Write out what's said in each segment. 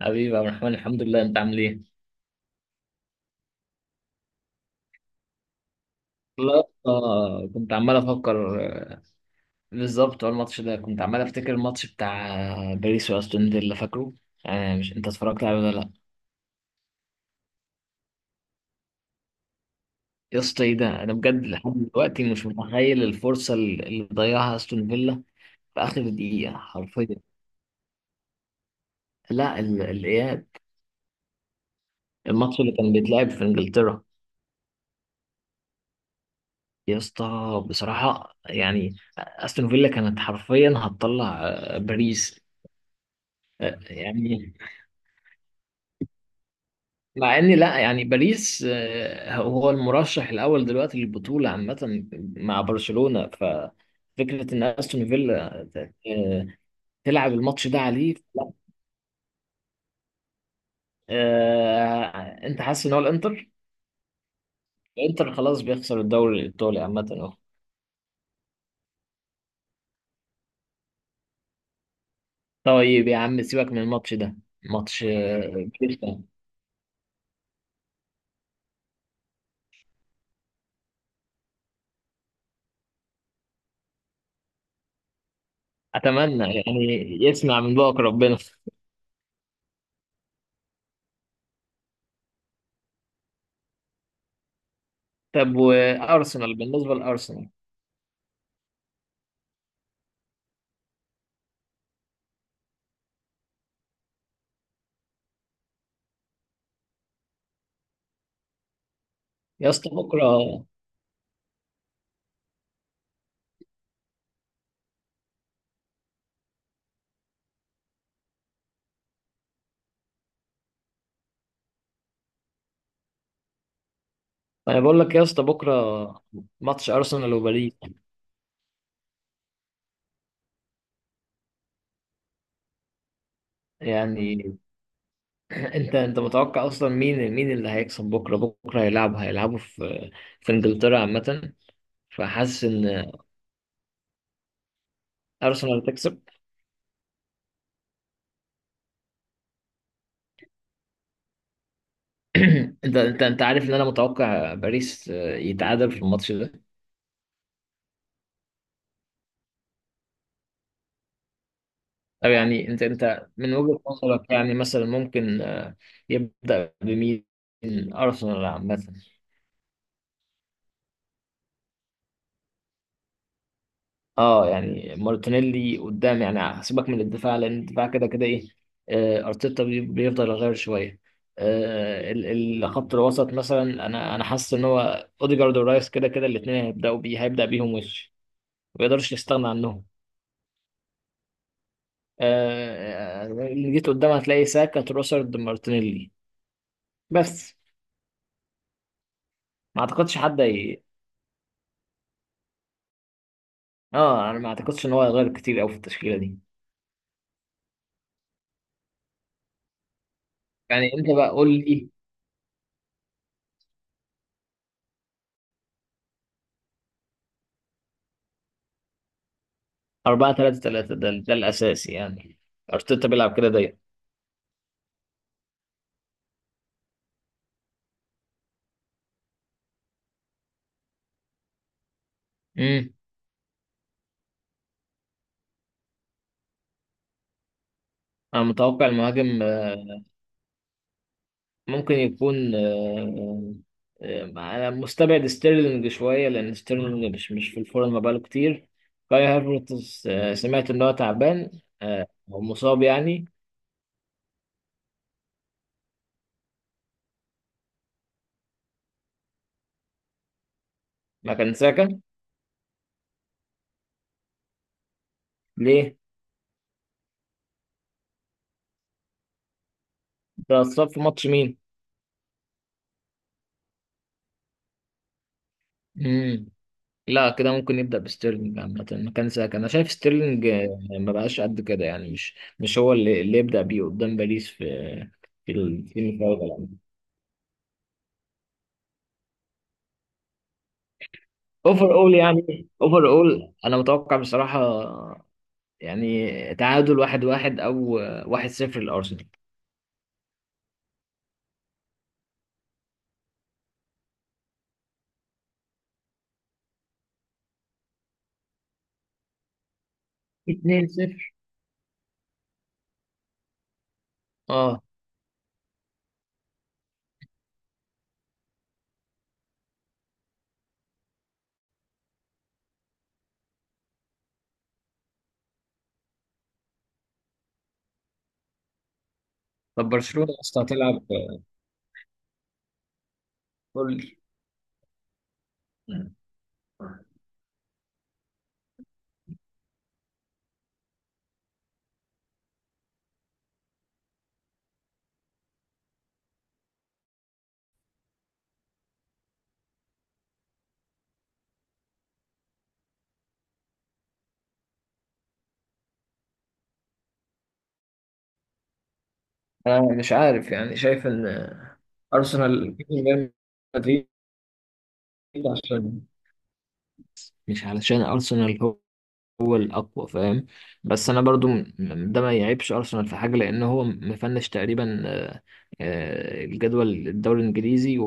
حبيبي يا عبد الرحمن، الحمد لله. انت عامل ايه؟ لا، كنت عمال افكر، بالظبط. هو الماتش ده كنت عمال افتكر الماتش بتاع باريس واستون فيلا، فاكره؟ آه، مش انت اتفرجت عليه ولا لا؟ يا اسطى ايه ده؟ انا بجد لحد دلوقتي مش متخيل الفرصه اللي ضيعها استون فيلا في اخر دقيقه حرفيا. لا، الاياب. الماتش اللي كان بيتلعب في انجلترا. يا اسطى، بصراحه يعني استون فيلا كانت حرفيا هتطلع باريس. يعني، مع ان، لا، يعني باريس هو المرشح الاول دلوقتي للبطوله عامه، مع برشلونه. ففكره ان استون فيلا آه، تلعب الماتش ده عليه، لا. آه، انت حاسس ان هو الانتر. الانتر خلاص بيخسر الدوري الايطالي عامه اهو. طيب يا عم، سيبك من الماتش ده. ماتش باريس ده، اتمنى يعني يسمع من بوك ربنا. طب وارسنال؟ بالنسبه لارسنال يا اسطى، بكره. انا بقول لك يا اسطى، بكره ماتش ارسنال وباريس. يعني انت متوقع اصلا مين اللي هيكسب بكره؟ بكره هيلعبوا في انجلترا عامه. فحاسس ان ارسنال تكسب. انت عارف ان انا متوقع باريس يتعادل في الماتش ده. طب يعني انت من وجهة نظرك، يعني مثلا ممكن يبدأ بمين؟ ارسنال عامه. اه، يعني مارتينيلي قدام. يعني هسيبك من الدفاع، لان الدفاع كده كده ايه. ارتيتا بيفضل يغير شويه. الخط الوسط مثلا، انا حاسس ان هو اوديجارد ورايس كده كده الاثنين هيبدا بيهم. ما يقدرش يستغنى عنهم. اللي جيت قدام هتلاقي ساكا، تروسرد، مارتينيلي بس. ما اعتقدش حد اه، انا ما اعتقدش ان هو هيغير كتير قوي في التشكيله دي. يعني انت بقى قول لي، 4-3-3 ده الاساسي، يعني ارتيتا بيلعب كده دايما. امم انا متوقع المهاجم ممكن يكون انا مستبعد ستيرلينج شويه، لان ستيرلينج مش في الفورم بقاله كتير. كاي هافرتز سمعت ان هو تعبان او مصاب يعني، مكان ساكا. ليه؟ ده اتصاب في ماتش مين؟ امم لا، كده ممكن يبدا بستيرلينج عامه مكان ساكا. انا شايف ستيرلينج ما بقاش قد كده، يعني مش هو اللي يبدا بيه قدام باريس في السيمي فاينال. اوفر اول انا متوقع بصراحه، يعني تعادل 1-1، او 1-0 لارسنال، 2 صفر. اه. طب برشلونه اصلا هتلعب، قول لي. انا مش عارف، يعني شايف ان ارسنال من ريال مدريد، عشان مش علشان ارسنال هو الاقوى فاهم، بس انا برضو. ده ما يعيبش ارسنال في حاجه، لان هو مفنش تقريبا الجدول الدوري الانجليزي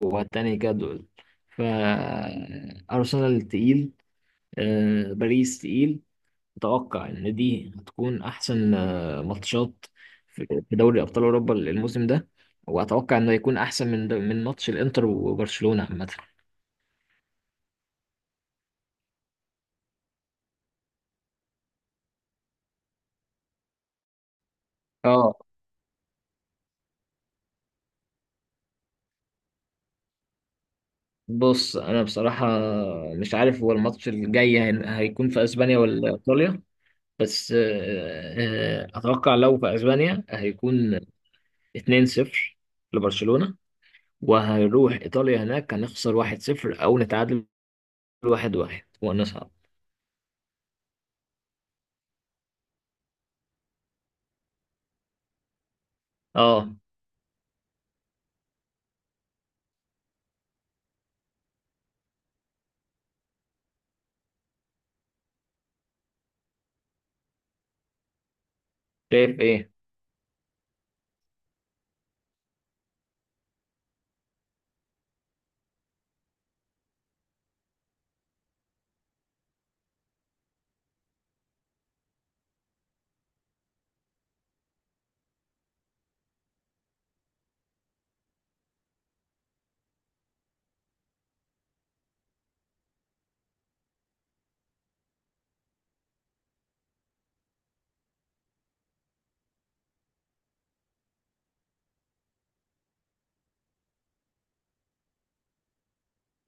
والتاني جدول. فأرسنال تقيل، باريس تقيل. أتوقع إن دي هتكون أحسن ماتشات في دوري أبطال أوروبا الموسم ده. وأتوقع إنه يكون أحسن من ماتش الإنتر وبرشلونة عامة. اه، بص، أنا بصراحة مش عارف هو الماتش الجاي هيكون في أسبانيا ولا إيطاليا. بس أتوقع لو في أسبانيا هيكون 2-0 لبرشلونة، وهنروح ايطاليا، هناك هنخسر 1-0، او نتعادل 1-1 ونصعد. اه. شايف ايه؟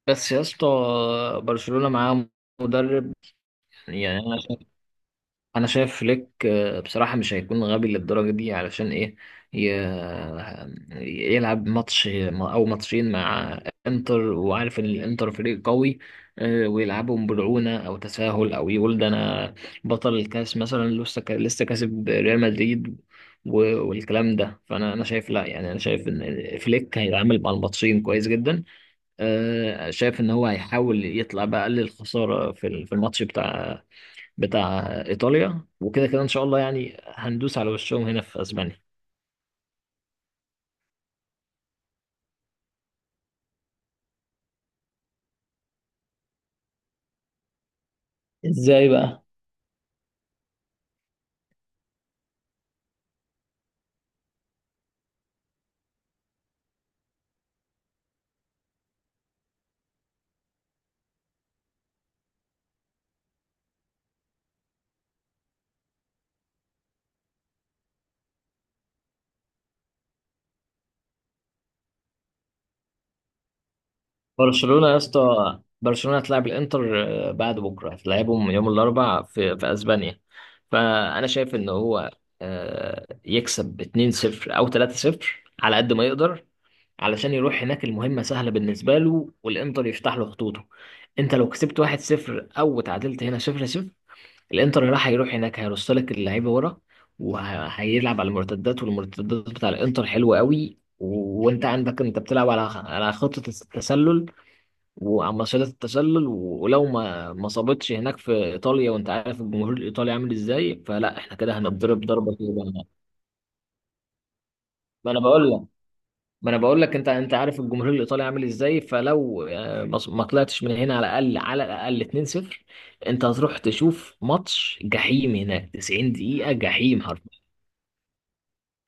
بس يا اسطى، برشلونة معاه مدرب، يعني انا شايف فليك بصراحه مش هيكون غبي للدرجه دي، علشان ايه؟ يلعب ماتش او ماتشين مع انتر وعارف ان الانتر فريق قوي ويلعبهم برعونه او تساهل، او يقول ده انا بطل الكاس مثلا، لسه لسه كاسب ريال مدريد والكلام ده. فانا انا شايف لا يعني انا شايف ان فليك هيتعامل مع الماتشين كويس جدا، شايف ان هو هيحاول يطلع باقل الخساره في في الماتش بتاع ايطاليا. وكده كده ان شاء الله، يعني هندوس على وشهم هنا في اسبانيا. ازاي بقى؟ برشلونة يا اسطى، برشلونة هتلاعب الانتر بعد بكره، هتلاعبهم يوم الاربعاء في اسبانيا. فانا شايف ان هو يكسب 2-0 او 3-0 على قد ما يقدر، علشان يروح هناك المهمة سهلة بالنسبة له، والإنتر يفتح له خطوطه. أنت لو كسبت 1-0 أو تعادلت هنا 0-0، الانتر هيروح هناك هيرص لك اللعيبه ورا، وهيلعب على المرتدات. والمرتدات بتاع الانتر حلوه قوي، وانت عندك انت بتلعب على خطه التسلل وعلى مصيدة التسلل. ولو ما صابتش هناك في ايطاليا، وانت عارف الجمهور الايطالي عامل ازاي، فلا احنا كده هنضرب ضربه كده بقى. ما انا بقول لك ما انا بقول لك، انت عارف الجمهور الايطالي عامل ازاي، فلو ما طلعتش من هنا على الاقل على الاقل 2-0، انت هتروح تشوف ماتش جحيم هناك، 90 دقيقة جحيم.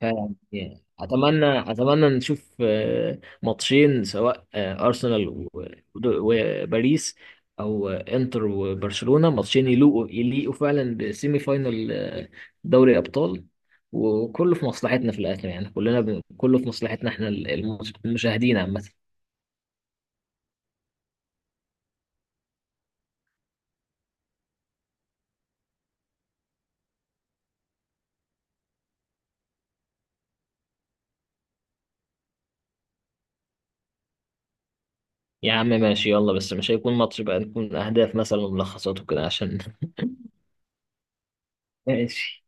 يعني اتمنى نشوف ماتشين، سواء ارسنال وباريس، او انتر وبرشلونة، ماتشين يليقوا يليقوا فعلا بسيمي فاينال دوري الابطال. وكله في مصلحتنا في الاخر، يعني كله في مصلحتنا احنا المشاهدين عامة. يا عم ماشي، يلا، بس مش هيكون ماتش بقى، نكون اهداف مثلا وملخصات وكده عشان ماشي.